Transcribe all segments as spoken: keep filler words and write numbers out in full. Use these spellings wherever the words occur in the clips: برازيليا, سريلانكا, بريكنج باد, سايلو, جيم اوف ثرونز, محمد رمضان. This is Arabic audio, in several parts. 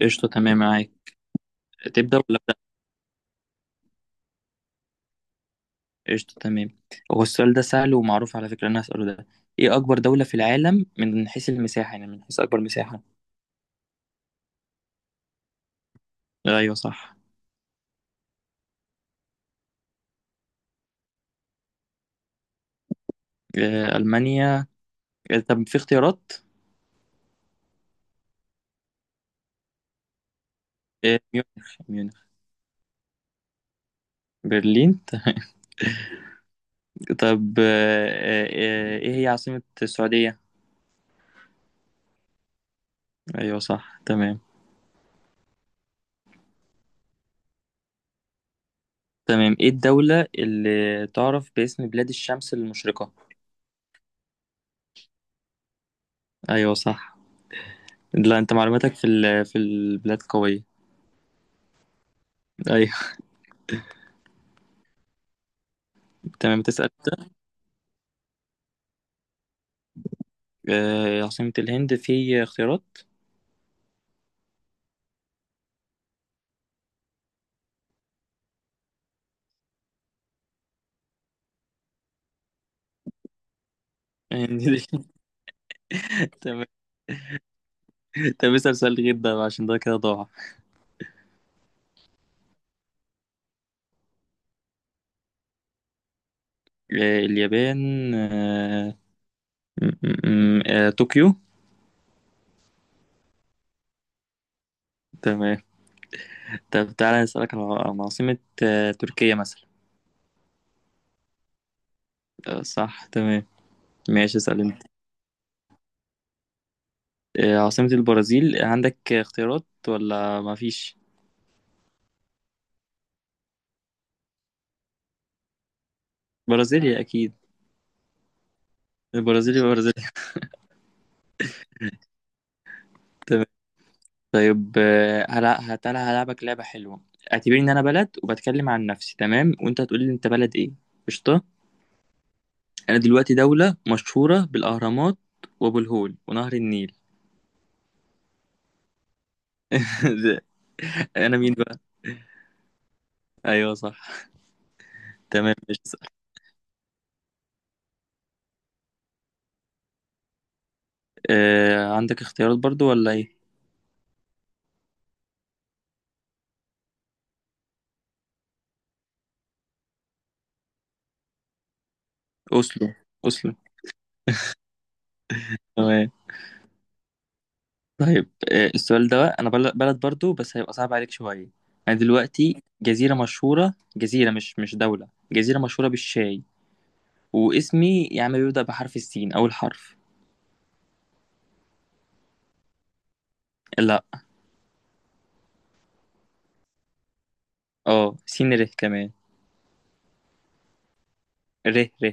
قشطة. تمام، معاك. تبدأ ولا أبدأ؟ قشطة تمام. هو السؤال ده سهل ومعروف على فكرة، أنا هسأله ده. إيه أكبر دولة في العالم من حيث المساحة؟ يعني من حيث أكبر مساحة. أيوه صح. آه، ألمانيا. آه، طب في اختيارات؟ آه، ميونخ ميونخ. برلين تمام. طب، آه، آه، آه، إيه هي عاصمة السعودية؟ أيوه صح. تمام. تمام، إيه الدولة اللي تعرف باسم بلاد الشمس المشرقة؟ أيوه صح. لا، أنت معلوماتك في ال- في البلاد قوية. أيوه. تمام، تسأل. آه، عاصمة الهند؟ في اختيارات؟ تمام. طب اسأل سؤال غير ده بقى، عشان ده كده ضاع. آه، اليابان. آه، م- م- م- آه، طوكيو. تمام. طب تعالى أسألك على، عن عاصمة آه، تركيا مثلا. آه، صح تمام. ماشي، اسأل انت. آه، عاصمة البرازيل؟ عندك اختيارات ولا مفيش؟ برازيليا أكيد. البرازيلي برازيليا. طيب، آه، هلا هتلا هلعبك لعبة حلوة. اعتبرني ان انا بلد وبتكلم عن نفسي، تمام، وانت هتقول لي انت بلد ايه. قشطة. انا دلوقتي دولة مشهورة بالاهرامات وابو الهول ونهر النيل. انا مين بقى؟ ايوه صح. تمام، مش. آه عندك اختيارات برضو ولا ايه؟ اوسلو، اوسلو. تمام. طيب، آه السؤال ده بقى، انا بل- بلد برضو بس هيبقى صعب عليك شوية. انا دلوقتي جزيرة مشهورة، جزيرة مش مش دولة، جزيرة مشهورة بالشاي. واسمي يا عم بيبدأ بحرف السين، أول حرف. لا. اه، سين ره كمان. ره ره.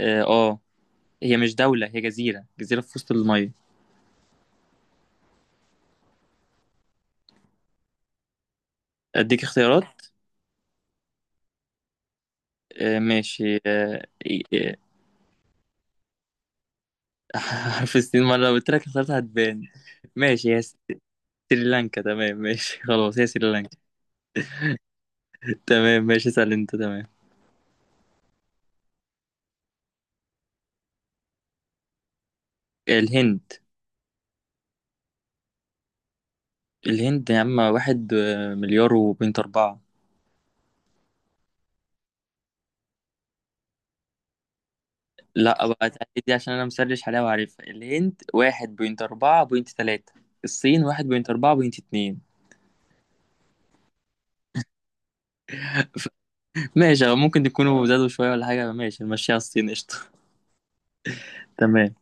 اه. آه. هي مش دولة، هي جزيرة، جزيرة في وسط المية. أديك اختيارات. آه ماشي. آه إيه، آه، حرف السين مرة، لو قلت لك اختيارات هتبان. ماشي، هي سريلانكا. تمام ماشي. خلاص، هي سريلانكا. تمام ماشي. اسأل أنت. تمام. الهند. الهند يا عم، واحد آه، مليار وبنت أربعة. لا بقى، تعالي دي عشان انا مسرش عليها وعارفها. الهند واحد بوينت اربعة بوينت تلاتة، الصين واحد بوينت اربعة بوينت اتنين. ماشي، أو ممكن تكونوا زادوا شوية ولا حاجة. ماشي نمشيها، الصين قشطة. تمام.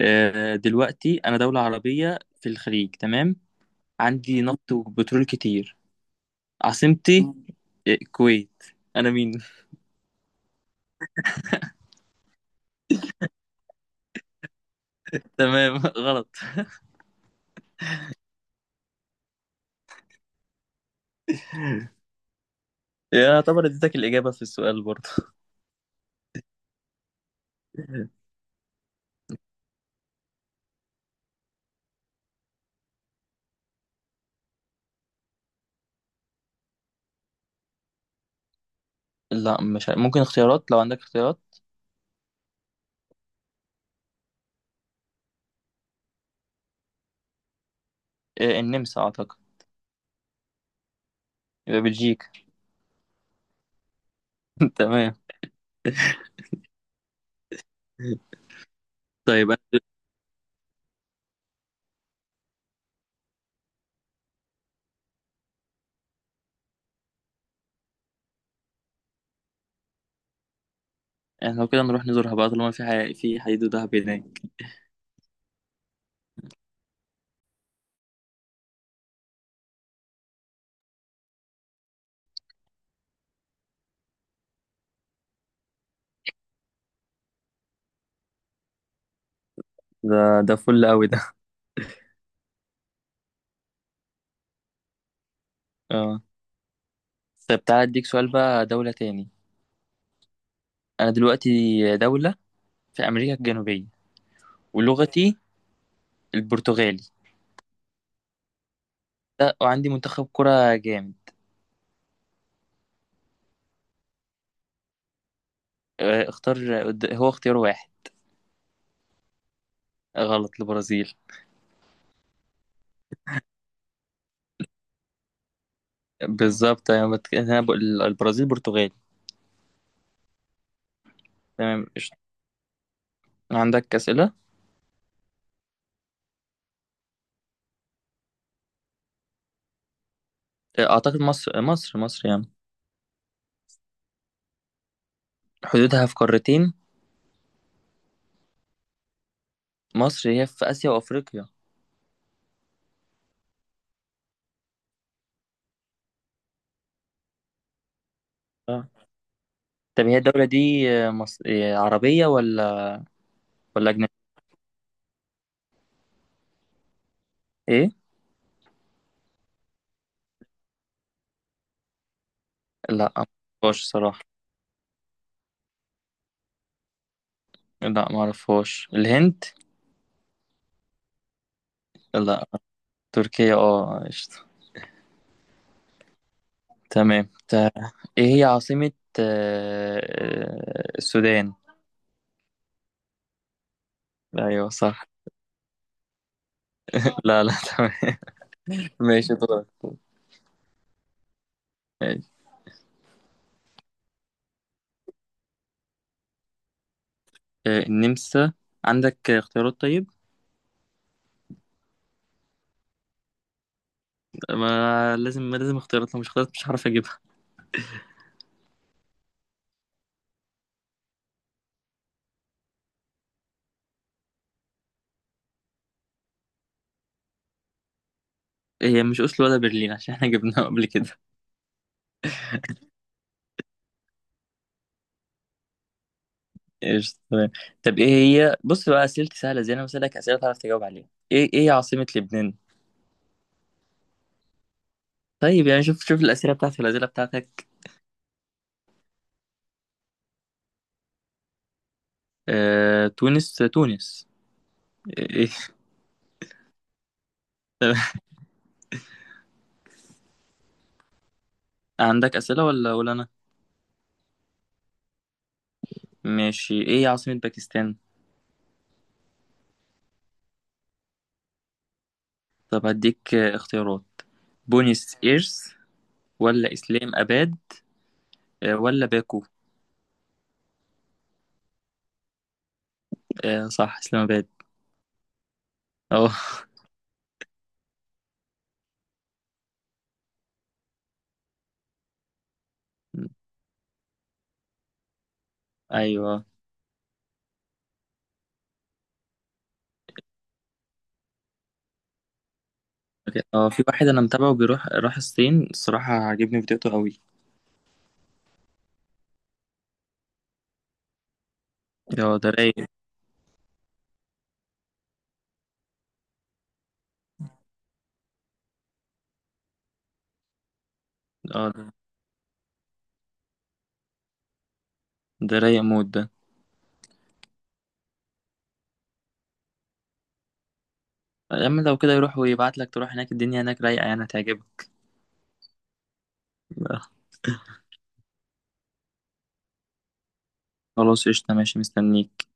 آه دلوقتي انا دولة عربية في الخليج، تمام. عندي نفط وبترول كتير. عاصمتي آه، الكويت. انا مين؟ تمام. غلط. يعتبر اديتك الإجابة في السؤال برضه. لا، مش ع- ممكن اختيارات؟ لو عندك اختيارات. آه، النمسا اعتقد. يبقى بلجيكا. تمام. طيب أنا- احنا لو كده نروح نزورها بقى، طالما في حي... في حديد ودهب هناك. ده ده فل قوي ده. اه. طب تعالى اديك سؤال بقى، دولة تاني. انا دلوقتي دولة في امريكا الجنوبية، ولغتي البرتغالي ده، وعندي منتخب كرة جامد. آه، اختار، قد- هو اختيار واحد. آه، غلط، البرازيل. بالظبط، أنا بت- أنا بقول البرازيل برتغالي. تمام قشطة. عندك أسئلة؟ آه، اعتقد مصر، مصر، مصر يعني. حدودها في قارتين. مصر هي في اسيا وافريقيا. طب هي الدولة دي آه، مص... إيه، عربية ولا ولا أجنبية؟ إيه؟ لا معرفهاش صراحة. لا معرفهاش. الهند؟ لا. تركيا اه قشطة. تمام، طب، إيه هي عاصمة آه، آه، السودان؟ أيوه صح. لا، لا، تمام. ماشي دورك. ماشي. آه، النمسا. عندك اختيارات طيب؟ ما لازم ما لازم اختيارات، لو مش اختيارات مش هعرف أجيبها. هي مش أوسلو ولا برلين، عشان احنا جبناها قبل كده. ايش، تمام. طب ايه. هي بص بقى، اسئلتي سهله، زي انا بسالك اسئله تعرف تجاوب عليها. ايه، ايه عاصمه لبنان؟ طيب يعني شوف شوف الاسئله بتاعتي والاسئله بتاعتك. آه... تونس، تونس. إيه. إيه. عندك اسئله ولا ولا انا؟ ماشي، ايه عاصمه باكستان؟ طب هديك آه، اختيارات. بونيس ايرس، ولا اسلام اباد، آه، ولا باكو. آه صح، اسلام اباد. اه. ايوه اه، في واحد انا متابعه بيروح راح الصين، الصراحه عاجبني فيديوهاته قوي. اه، ده رايق. اه، ده رايق موت ده. يا عم، لو كده يروح ويبعت لك تروح هناك، الدنيا هناك رايقة يعني هتعجبك. خلاص قشطة ماشي، مستنيك.